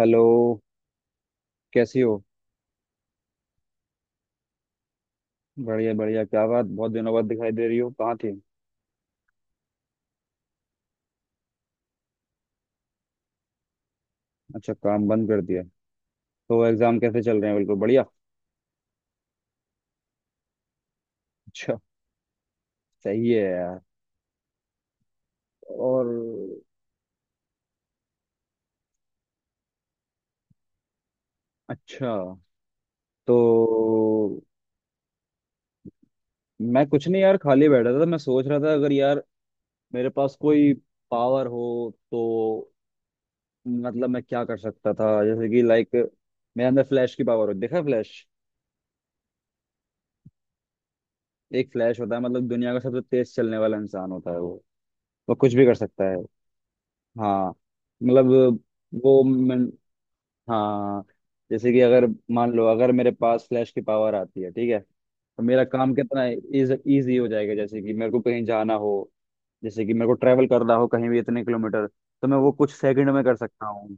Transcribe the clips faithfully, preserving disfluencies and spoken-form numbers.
Hello. कैसी हो? बढ़िया बढ़िया। क्या बात, बहुत दिनों बाद दिखाई दे रही हो, कहाँ थी? अच्छा, काम बंद कर दिया। तो एग्जाम कैसे चल रहे हैं, बिल्कुल बढ़िया? अच्छा। सही है यार। और? अच्छा। तो मैं कुछ नहीं यार, खाली बैठा था। मैं सोच रहा था, अगर यार मेरे पास कोई पावर हो तो, मतलब मैं क्या कर सकता था, जैसे कि लाइक, मेरे अंदर फ्लैश की पावर हो। देखा फ्लैश? एक फ्लैश होता है, मतलब दुनिया का सबसे तेज चलने वाला इंसान होता है वो। वो कुछ भी कर सकता है। हाँ। मतलब, वो मैं, हाँ जैसे कि अगर मान लो अगर मेरे पास फ्लैश की पावर आती है, ठीक है, तो मेरा काम कितना इज इजी हो जाएगा। जैसे कि मेरे को कहीं जाना हो, जैसे कि मेरे को ट्रैवल करना हो कहीं भी इतने किलोमीटर, तो मैं वो कुछ सेकंड में कर सकता हूँ।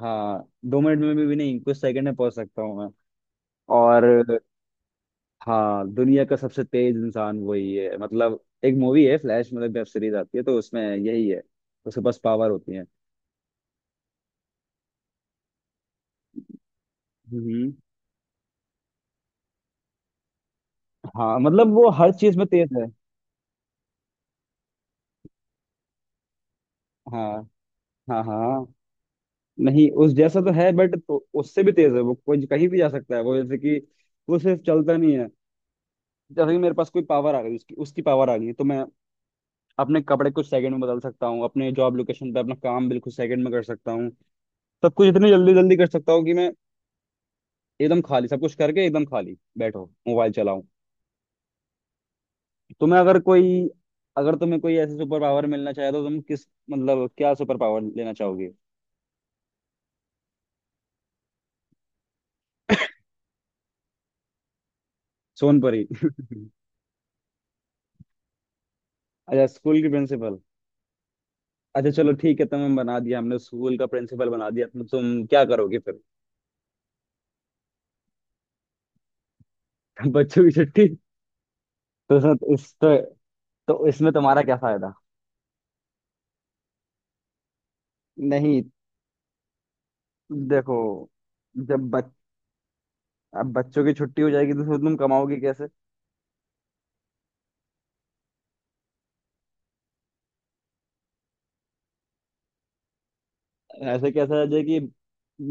हाँ, दो मिनट में भी, भी नहीं, कुछ सेकंड में पहुंच सकता हूँ मैं। और हाँ, दुनिया का सबसे तेज इंसान वही है। मतलब एक मूवी है फ्लैश, मतलब वेब सीरीज आती है, तो उसमें यही है, उसके पास पावर होती है। हम्म हाँ, मतलब वो हर चीज में तेज है। हाँ हाँ हाँ। नहीं, उस जैसा तो है बट, तो उससे भी तेज है वो, कोई कहीं भी जा सकता है वो। जैसे कि वो सिर्फ चलता नहीं है, जैसे कि मेरे पास कोई पावर आ गई, उसकी उसकी पावर आ गई, तो मैं अपने कपड़े कुछ सेकंड में बदल सकता हूँ, अपने जॉब लोकेशन पे अपना काम बिल्कुल सेकंड में कर सकता हूँ, सब कुछ इतनी जल्दी जल्दी कर सकता हूँ कि मैं एकदम खाली, सब कुछ करके एकदम खाली बैठो मोबाइल चलाऊं। तुम्हें अगर कोई, अगर तुम्हें कोई ऐसी सुपर पावर मिलना चाहे तो तुम किस, मतलब क्या सुपर पावर लेना चाहोगे? सोनपरी। अच्छा, स्कूल की प्रिंसिपल। अच्छा चलो ठीक है, तुम्हें बना दिया हमने, स्कूल का प्रिंसिपल बना दिया, तो तुम क्या करोगे फिर? बच्चों की छुट्टी। तो इसमें इस तो, तो इसमें तुम्हारा क्या फायदा? नहीं। देखो, जब बच, अब बच्चों की छुट्टी हो जाएगी तो फिर तुम कमाओगे कैसे? ऐसे कैसा हो जाए कि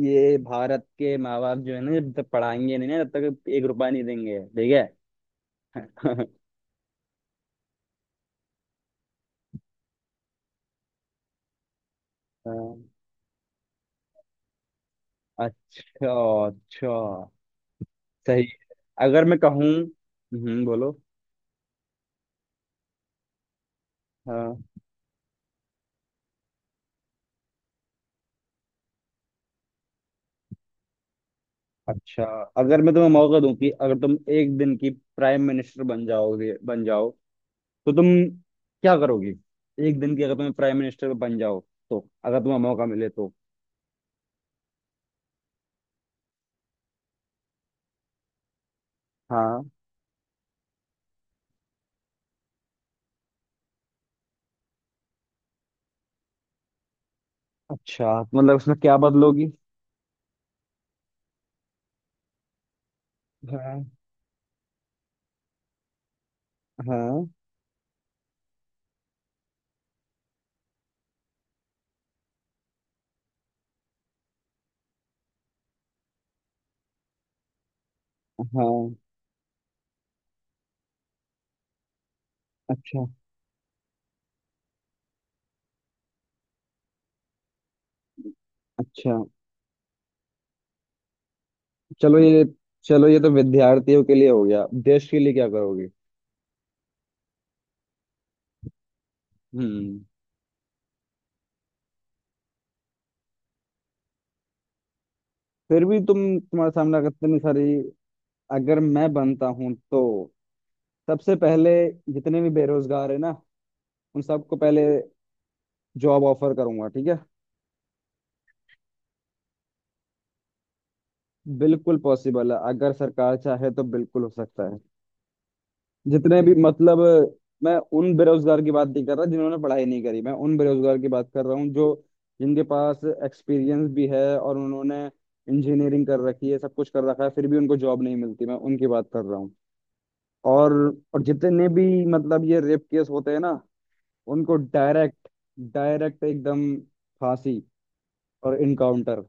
ये भारत के माँ बाप जो है ना, जब तक पढ़ाएंगे नहीं ना तब तक एक रुपया नहीं देंगे, ठीक है। हाँ। अच्छा। अच्छा। सही। अगर मैं कहूँ, हम्म बोलो। अच्छा, अगर मैं तुम्हें मौका दूं कि अगर तुम एक दिन की प्राइम मिनिस्टर बन जाओगे, बन जाओ, तो तुम क्या करोगी? एक दिन की अगर तुम्हें प्राइम मिनिस्टर बन जाओ, तो अगर तुम्हें मौका मिले तो? हाँ। अच्छा, तो मतलब उसमें क्या बदलोगी? हाँ हाँ हाँ। अच्छा। अच्छा। चलो ये, चलो ये तो विद्यार्थियों के लिए हो गया, देश के लिए क्या करोगी? हम्म। फिर भी तुम, तुम्हारे सामने अगर इतनी सारी। अगर मैं बनता हूँ तो सबसे पहले जितने भी बेरोजगार है ना, उन सबको पहले जॉब ऑफर करूंगा, ठीक है। बिल्कुल पॉसिबल है, अगर सरकार चाहे तो बिल्कुल हो सकता है। जितने भी मतलब, मैं उन बेरोजगार की बात नहीं कर रहा जिन्होंने पढ़ाई नहीं करी, मैं उन बेरोजगार की बात कर रहा हूँ जो, जिनके पास एक्सपीरियंस भी है और उन्होंने इंजीनियरिंग कर रखी है, सब कुछ कर रखा है, फिर भी उनको जॉब नहीं मिलती, मैं उनकी बात कर रहा हूँ। और और जितने भी मतलब ये रेप केस होते हैं ना, उनको डायरेक्ट, डायरेक्ट एकदम फांसी और इनकाउंटर,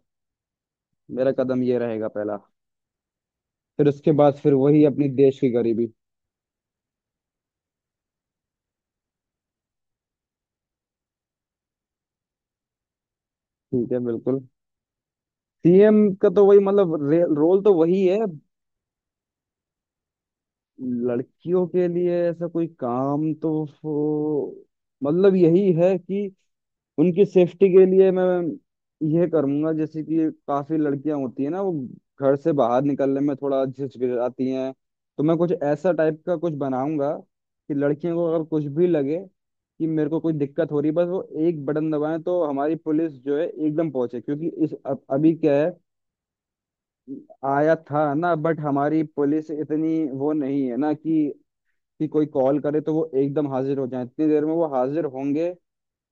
मेरा कदम ये रहेगा पहला। फिर उसके बाद फिर वही अपनी देश की गरीबी। ठीक है बिल्कुल। सीएम का तो वही मतलब रे- रोल तो वही है। लड़कियों के लिए ऐसा कोई काम तो, वो- मतलब यही है कि उनकी सेफ्टी के लिए मैं यह करूंगा। जैसे कि काफी लड़कियां होती है ना, वो घर से बाहर निकलने में थोड़ा हिचकिचाती हैं, तो मैं कुछ ऐसा टाइप का कुछ बनाऊंगा कि लड़कियों को अगर कुछ भी लगे कि मेरे को कोई दिक्कत हो रही है, बस वो एक बटन दबाएं तो हमारी पुलिस जो है एकदम पहुंचे, क्योंकि इस अब अभी क्या है। आया था ना, बट हमारी पुलिस इतनी वो नहीं है ना कि कि कोई कॉल करे तो वो एकदम हाजिर हो जाए, इतनी देर में वो हाजिर होंगे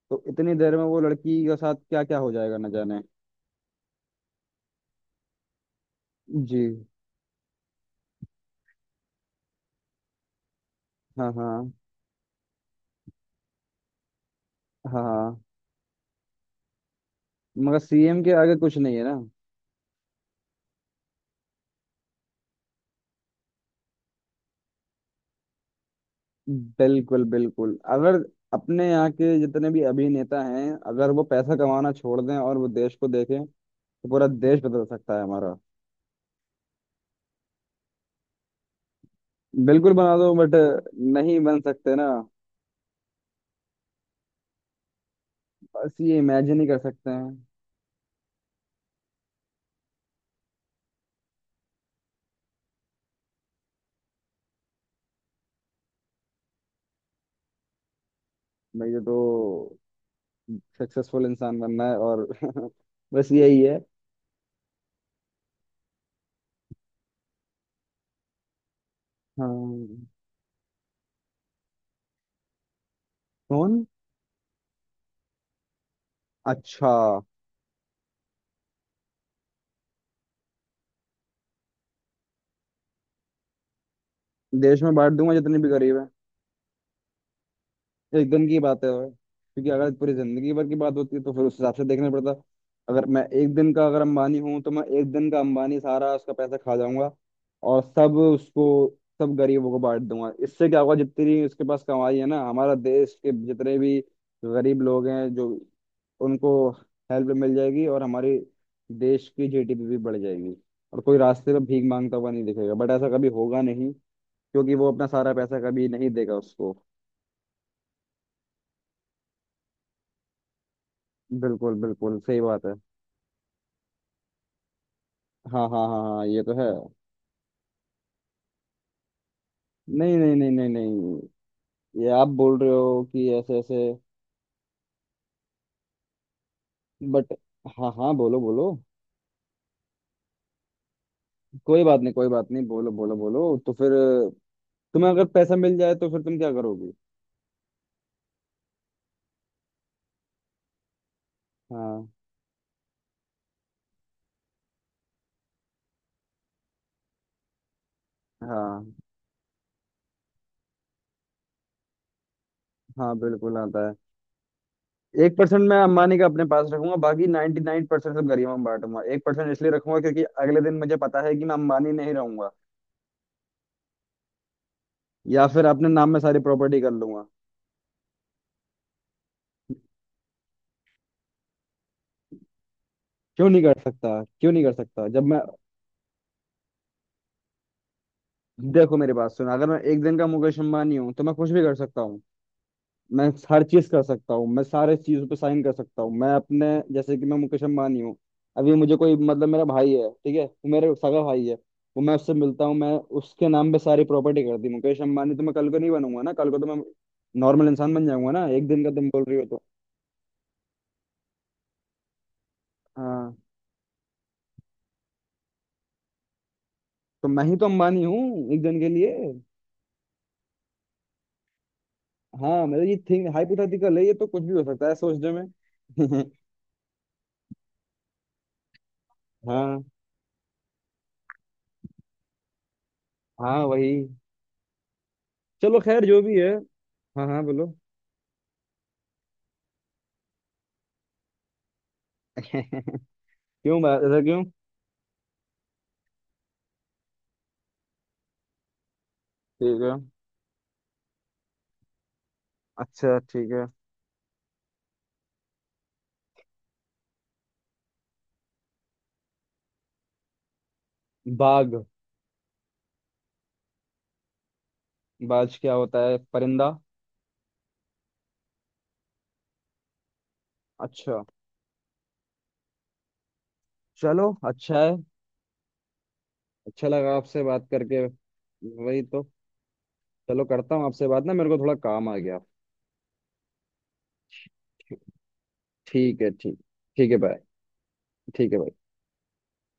तो इतनी देर में वो लड़की के साथ क्या क्या हो जाएगा न जाने। जी। हाँ हाँ हाँ हाँ। मगर सीएम के आगे कुछ नहीं है ना। बिल्कुल बिल्कुल। अगर अपने यहाँ के जितने भी अभिनेता हैं, अगर वो पैसा कमाना छोड़ दें और वो देश को देखें, तो पूरा देश बदल सकता है हमारा। बिल्कुल बना दो बट नहीं बन सकते ना। बस ये इमेजिन ही कर सकते हैं। मुझे तो सक्सेसफुल इंसान बनना है और बस यही है। हाँ। कौन? अच्छा। देश में बांट दूंगा, जितने भी गरीब है। एक दिन की बात है वो। क्योंकि अगर पूरी जिंदगी भर की बात होती है तो फिर उस हिसाब से देखना पड़ता। अगर मैं एक दिन का अगर अंबानी हूँ, तो मैं एक दिन का अंबानी सारा उसका पैसा खा जाऊंगा और सब उसको, सब गरीबों को बांट दूंगा। इससे क्या होगा, जितनी उसके पास कमाई है ना, हमारा देश के जितने भी गरीब लोग हैं जो, उनको हेल्प मिल जाएगी और हमारे देश की जीडीपी भी बढ़ जाएगी, और कोई रास्ते में भीख मांगता हुआ नहीं दिखेगा। बट ऐसा कभी होगा नहीं, क्योंकि वो अपना सारा पैसा कभी नहीं देगा उसको। बिल्कुल बिल्कुल सही बात है। हाँ हाँ हाँ हाँ, ये तो है। नहीं नहीं नहीं नहीं नहीं, ये आप बोल रहे हो कि ऐसे ऐसे, बट। हाँ हाँ, बोलो बोलो। कोई बात नहीं, कोई बात नहीं, बोलो बोलो बोलो। तो फिर तुम्हें अगर पैसा मिल जाए, तो फिर तुम क्या करोगी? हाँ। हाँ, हाँ बिल्कुल आता है। एक परसेंट मैं अंबानी का अपने पास रखूंगा, बाकी नाइन्टी नाइन परसेंट सब गरीबों में बांटूंगा। एक परसेंट इसलिए रखूंगा क्योंकि अगले दिन मुझे पता है कि मैं अंबानी नहीं रहूंगा। या फिर अपने नाम में सारी प्रॉपर्टी कर लूंगा। क्यों नहीं कर सकता, क्यों नहीं कर सकता जब मैं, देखो मेरी बात सुनो, अगर मैं एक दिन का मुकेश अंबानी हूँ तो मैं कुछ भी कर सकता हूँ। मैं हर चीज कर सकता हूँ, मैं सारे चीजों पे साइन कर सकता हूँ। मैं अपने, जैसे कि मैं मुकेश अंबानी हूँ अभी, मुझे कोई मतलब मेरा भाई है, ठीक है, वो मेरे सगा भाई है, वो मैं उससे मिलता हूँ, मैं उसके नाम पे सारी प्रॉपर्टी कर दी। मुकेश अंबानी तो मैं कल को नहीं बनूंगा ना, कल को तो मैं नॉर्मल इंसान बन जाऊंगा ना, एक दिन का तुम बोल रही हो तो। हाँ। तो मैं ही तो अंबानी हूँ एक दिन के लिए। हाँ मतलब ये थिंग हाइपोथेटिकल है, ये तो कुछ भी हो सकता है सोचने में। हाँ, हाँ वही। चलो खैर जो भी है। हाँ हाँ बोलो। क्यों? बा- ऐसा क्यों? ठीक है। अच्छा ठीक है। बाघ? बाज क्या होता है, परिंदा? अच्छा। चलो अच्छा है। अच्छा लगा आपसे बात करके। वही तो। चलो करता हूँ आपसे बात ना, मेरे को थोड़ा काम आ गया। ठीक है, ठीक। ठीक है बाय। ठीक है bye।